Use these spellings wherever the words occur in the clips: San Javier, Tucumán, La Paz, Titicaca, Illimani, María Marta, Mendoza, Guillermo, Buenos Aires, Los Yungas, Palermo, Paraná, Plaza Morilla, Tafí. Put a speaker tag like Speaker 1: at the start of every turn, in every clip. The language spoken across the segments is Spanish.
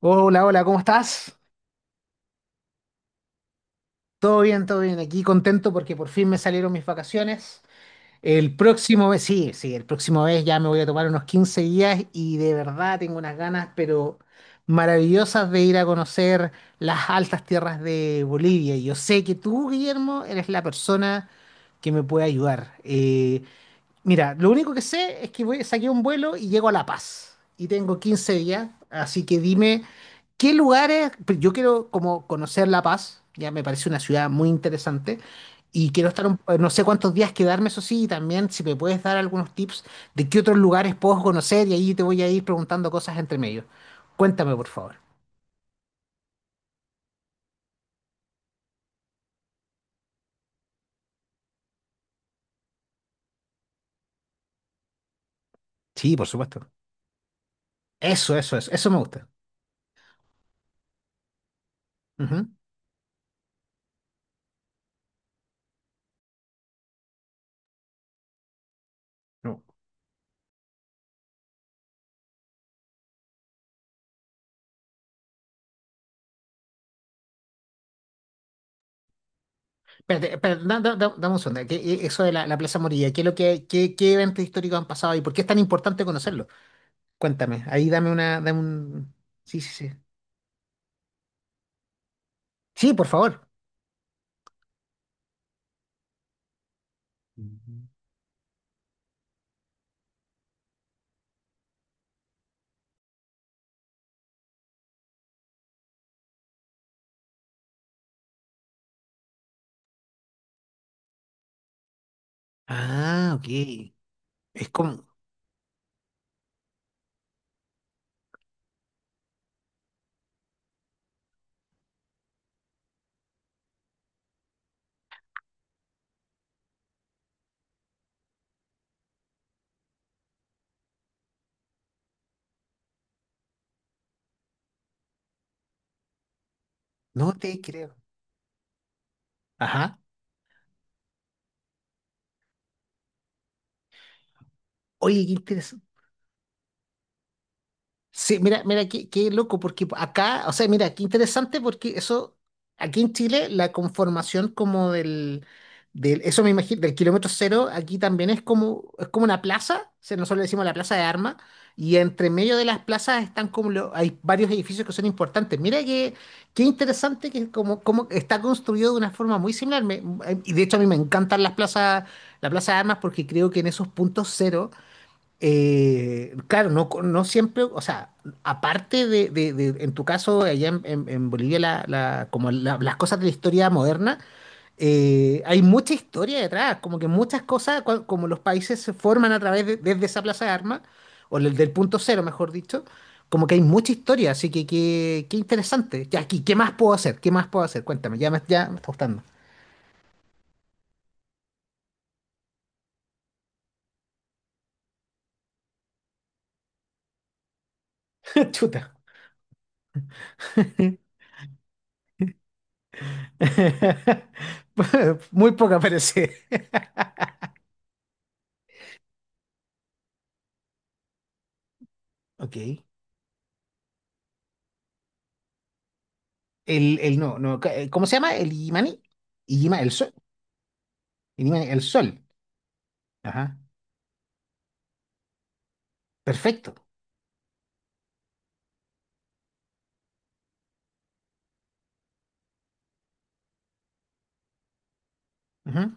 Speaker 1: Hola, hola, ¿cómo estás? Todo bien, todo bien. Aquí contento porque por fin me salieron mis vacaciones. El próximo mes, sí, sí, el próximo mes ya me voy a tomar unos 15 días y de verdad tengo unas ganas, pero maravillosas de ir a conocer las altas tierras de Bolivia. Y yo sé que tú, Guillermo, eres la persona que me puede ayudar. Mira, lo único que sé es que voy, saqué un vuelo y llego a La Paz. Y tengo 15 días, así que dime, ¿qué lugares? Pues yo quiero como conocer La Paz, ya me parece una ciudad muy interesante. Y quiero estar, no sé cuántos días quedarme, eso sí, y también si me puedes dar algunos tips de qué otros lugares puedo conocer y ahí te voy a ir preguntando cosas entre medio. Cuéntame, por favor. Sí, por supuesto. Eso me gusta. Ujú. Espérate, espérate, dame un segundo. ¿ eso de la Plaza Morilla, ¿qué es lo que, qué, qué eventos históricos han pasado y por qué es tan importante conocerlo? Cuéntame, ahí dame una, dame un... Sí, sí, sí. Sí, por favor. Ujú. Ah, ok. Es como... No te creo. Ajá. Oye, qué interesante. Sí, mira, mira, qué, qué loco, porque acá, o sea, mira, qué interesante, porque eso, aquí en Chile, la conformación como del, del, eso me imagino, del kilómetro cero, aquí también es como una plaza, o sea, nosotros le decimos la plaza de armas, y entre medio de las plazas están como, hay varios edificios que son importantes. Mira que, qué interesante que es como, como está construido de una forma muy similar, y de hecho a mí me encantan las plazas, la plaza de armas, porque creo que en esos puntos cero claro, no, no siempre, o sea, aparte de, en tu caso, allá en, en Bolivia, la, como las cosas de la historia moderna, hay mucha historia detrás, como que muchas cosas, como los países se forman a través de, desde esa plaza de armas, o del, del punto cero, mejor dicho, como que hay mucha historia, así que qué, qué interesante. Ya, aquí, ¿qué más puedo hacer? ¿Qué más puedo hacer? Cuéntame, ya me está gustando. Chuta. Muy poca parece. Ok. El no, no, ¿cómo se llama? El Illimani. Illima, el sol. Illimani, el sol. Ajá. Perfecto. Ujú.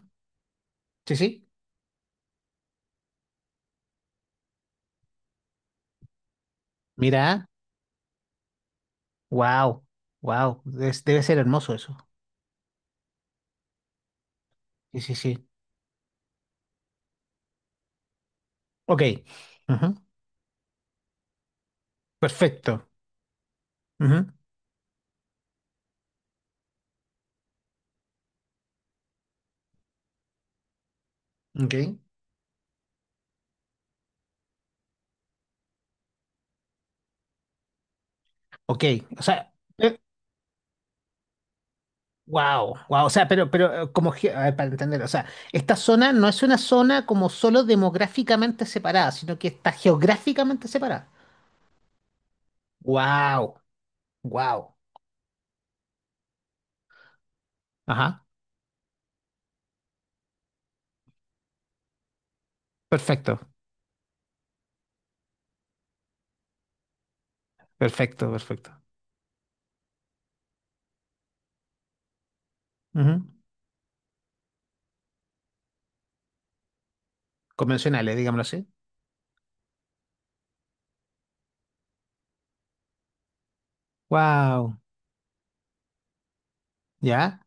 Speaker 1: Sí, sí. Mira, wow, wow. Debe ser hermoso eso. Sí, sí, sí. Ok. Ujú. Perfecto. Ujú. Ok. Ok. O sea, wow, wow. O sea, pero, pero como, a ver, para entender, o sea, esta zona no es una zona como solo demográficamente separada, sino que está geográficamente separada. Wow, wow. Ajá. Perfecto. Perfecto, perfecto. Ujú. Convencionales, digámoslo así. Wow, ya.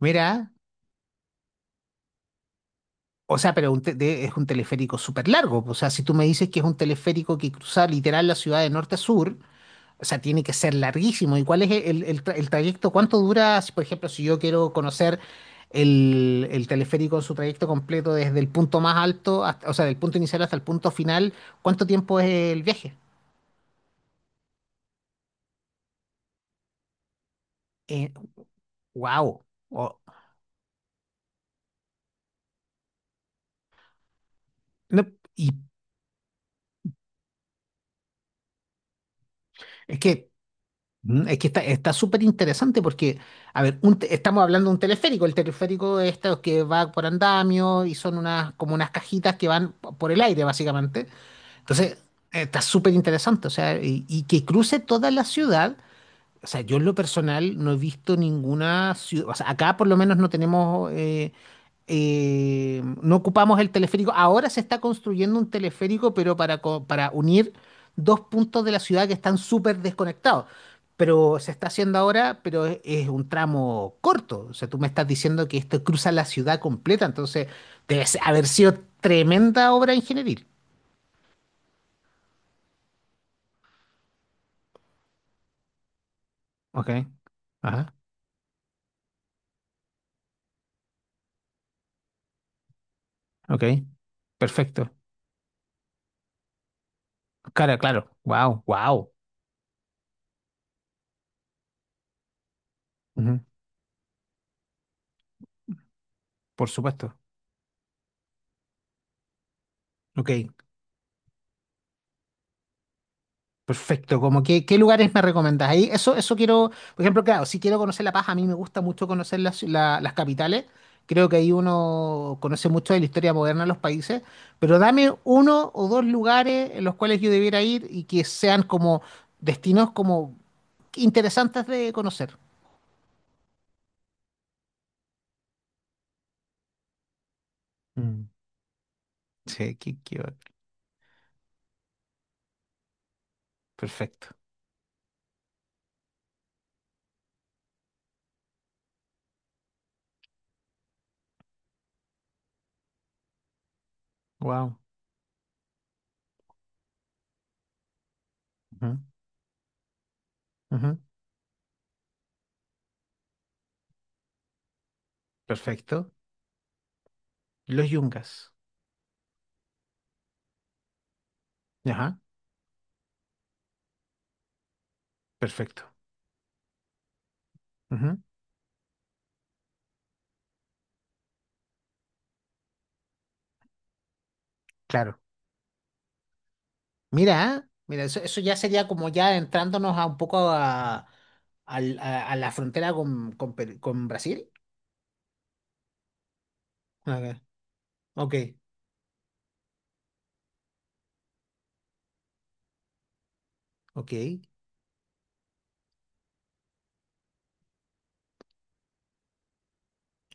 Speaker 1: Mira, o sea, pero es un teleférico súper largo. O sea, si tú me dices que es un teleférico que cruza literal la ciudad de norte a sur, o sea, tiene que ser larguísimo. ¿Y cuál es el, el el trayecto? ¿Cuánto dura, si, por ejemplo, si yo quiero conocer el teleférico en su trayecto completo desde el punto más alto, hasta- o sea, del punto inicial hasta el punto final? ¿Cuánto tiempo es el viaje? Eh, wow. Oh, no, y es que es que está, está súper interesante porque, a ver, estamos hablando de un teleférico. El teleférico es este que va por andamio y son unas, como unas cajitas que van por el aire, básicamente. Entonces, está súper interesante. O sea, y que cruce toda la ciudad. O sea, yo en lo personal no he visto ninguna ciudad. O sea, acá por lo menos no tenemos. No ocupamos el teleférico. Ahora se está construyendo un teleférico, pero para, para unir dos puntos de la ciudad que están súper desconectados. Pero se está haciendo ahora, pero es un tramo corto. O sea, tú me estás diciendo que esto cruza la ciudad completa, entonces debe haber sido tremenda obra ingeniería. Ok, ajá, ok, perfecto. Cara, claro, wow, wow. Por supuesto. Ok. Perfecto, como que, ¿qué lugares me recomendás? Ahí, eso quiero, por ejemplo, claro, si quiero conocer La Paz, a mí me gusta mucho conocer las, las capitales, creo que ahí uno conoce mucho de la historia moderna de los países, pero dame uno o dos lugares en los cuales yo debiera ir y que sean como destinos como interesantes de conocer. Mm, sí, qué, perfecto, wow, perfecto, Los Yungas, ajá, perfecto, ujú, claro. Mira, mira, eso ya sería como ya entrándonos a un poco a, a la frontera con, con Brasil. Ah, ok, ok.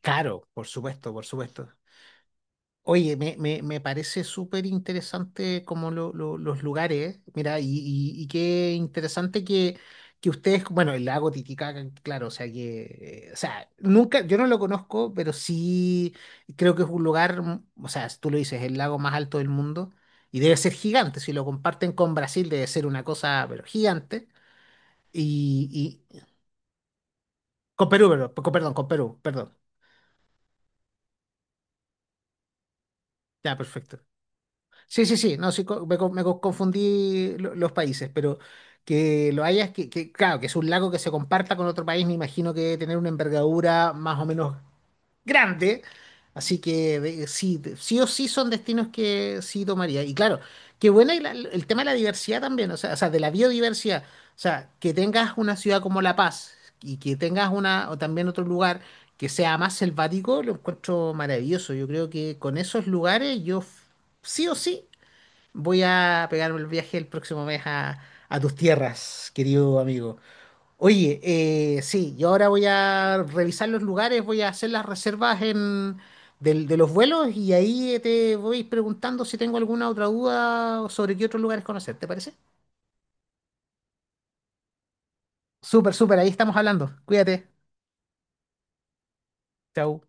Speaker 1: Claro, por supuesto, por supuesto. Oye, me parece súper interesante como los lugares, mira, y, y qué interesante que ustedes, bueno, el lago Titicaca, claro, o sea que, o sea, nunca, yo no lo conozco, pero sí creo que es un lugar, mm, o sea, si tú lo dices, el lago más alto del mundo, y debe ser gigante, si lo comparten con Brasil debe ser una cosa, pero gigante, y, y con Perú, perdón, con Perú, perdón, ya, perfecto. Sí, sí, sí, no, sí, me confundí los países, pero que lo hayas, que, claro, que es un lago que se comparta con otro país, me imagino que debe tener una envergadura más o menos grande, así que sí, sí o sí son destinos que sí tomaría. Y claro, qué buena y el tema de la diversidad también, o sea, de la biodiversidad, o sea, que tengas una ciudad como La Paz y que tengas una, o también otro lugar que sea más selvático, lo encuentro maravilloso. Yo creo que con esos lugares sí o sí. Voy a pegarme el viaje el próximo mes a tus tierras, querido amigo. Oye, sí, yo ahora voy a revisar los lugares, voy a hacer las reservas en, de los vuelos y ahí te voy preguntando si tengo alguna otra duda sobre qué otros lugares conocer, ¿te parece? Súper, súper, ahí estamos hablando. Cuídate. Chau.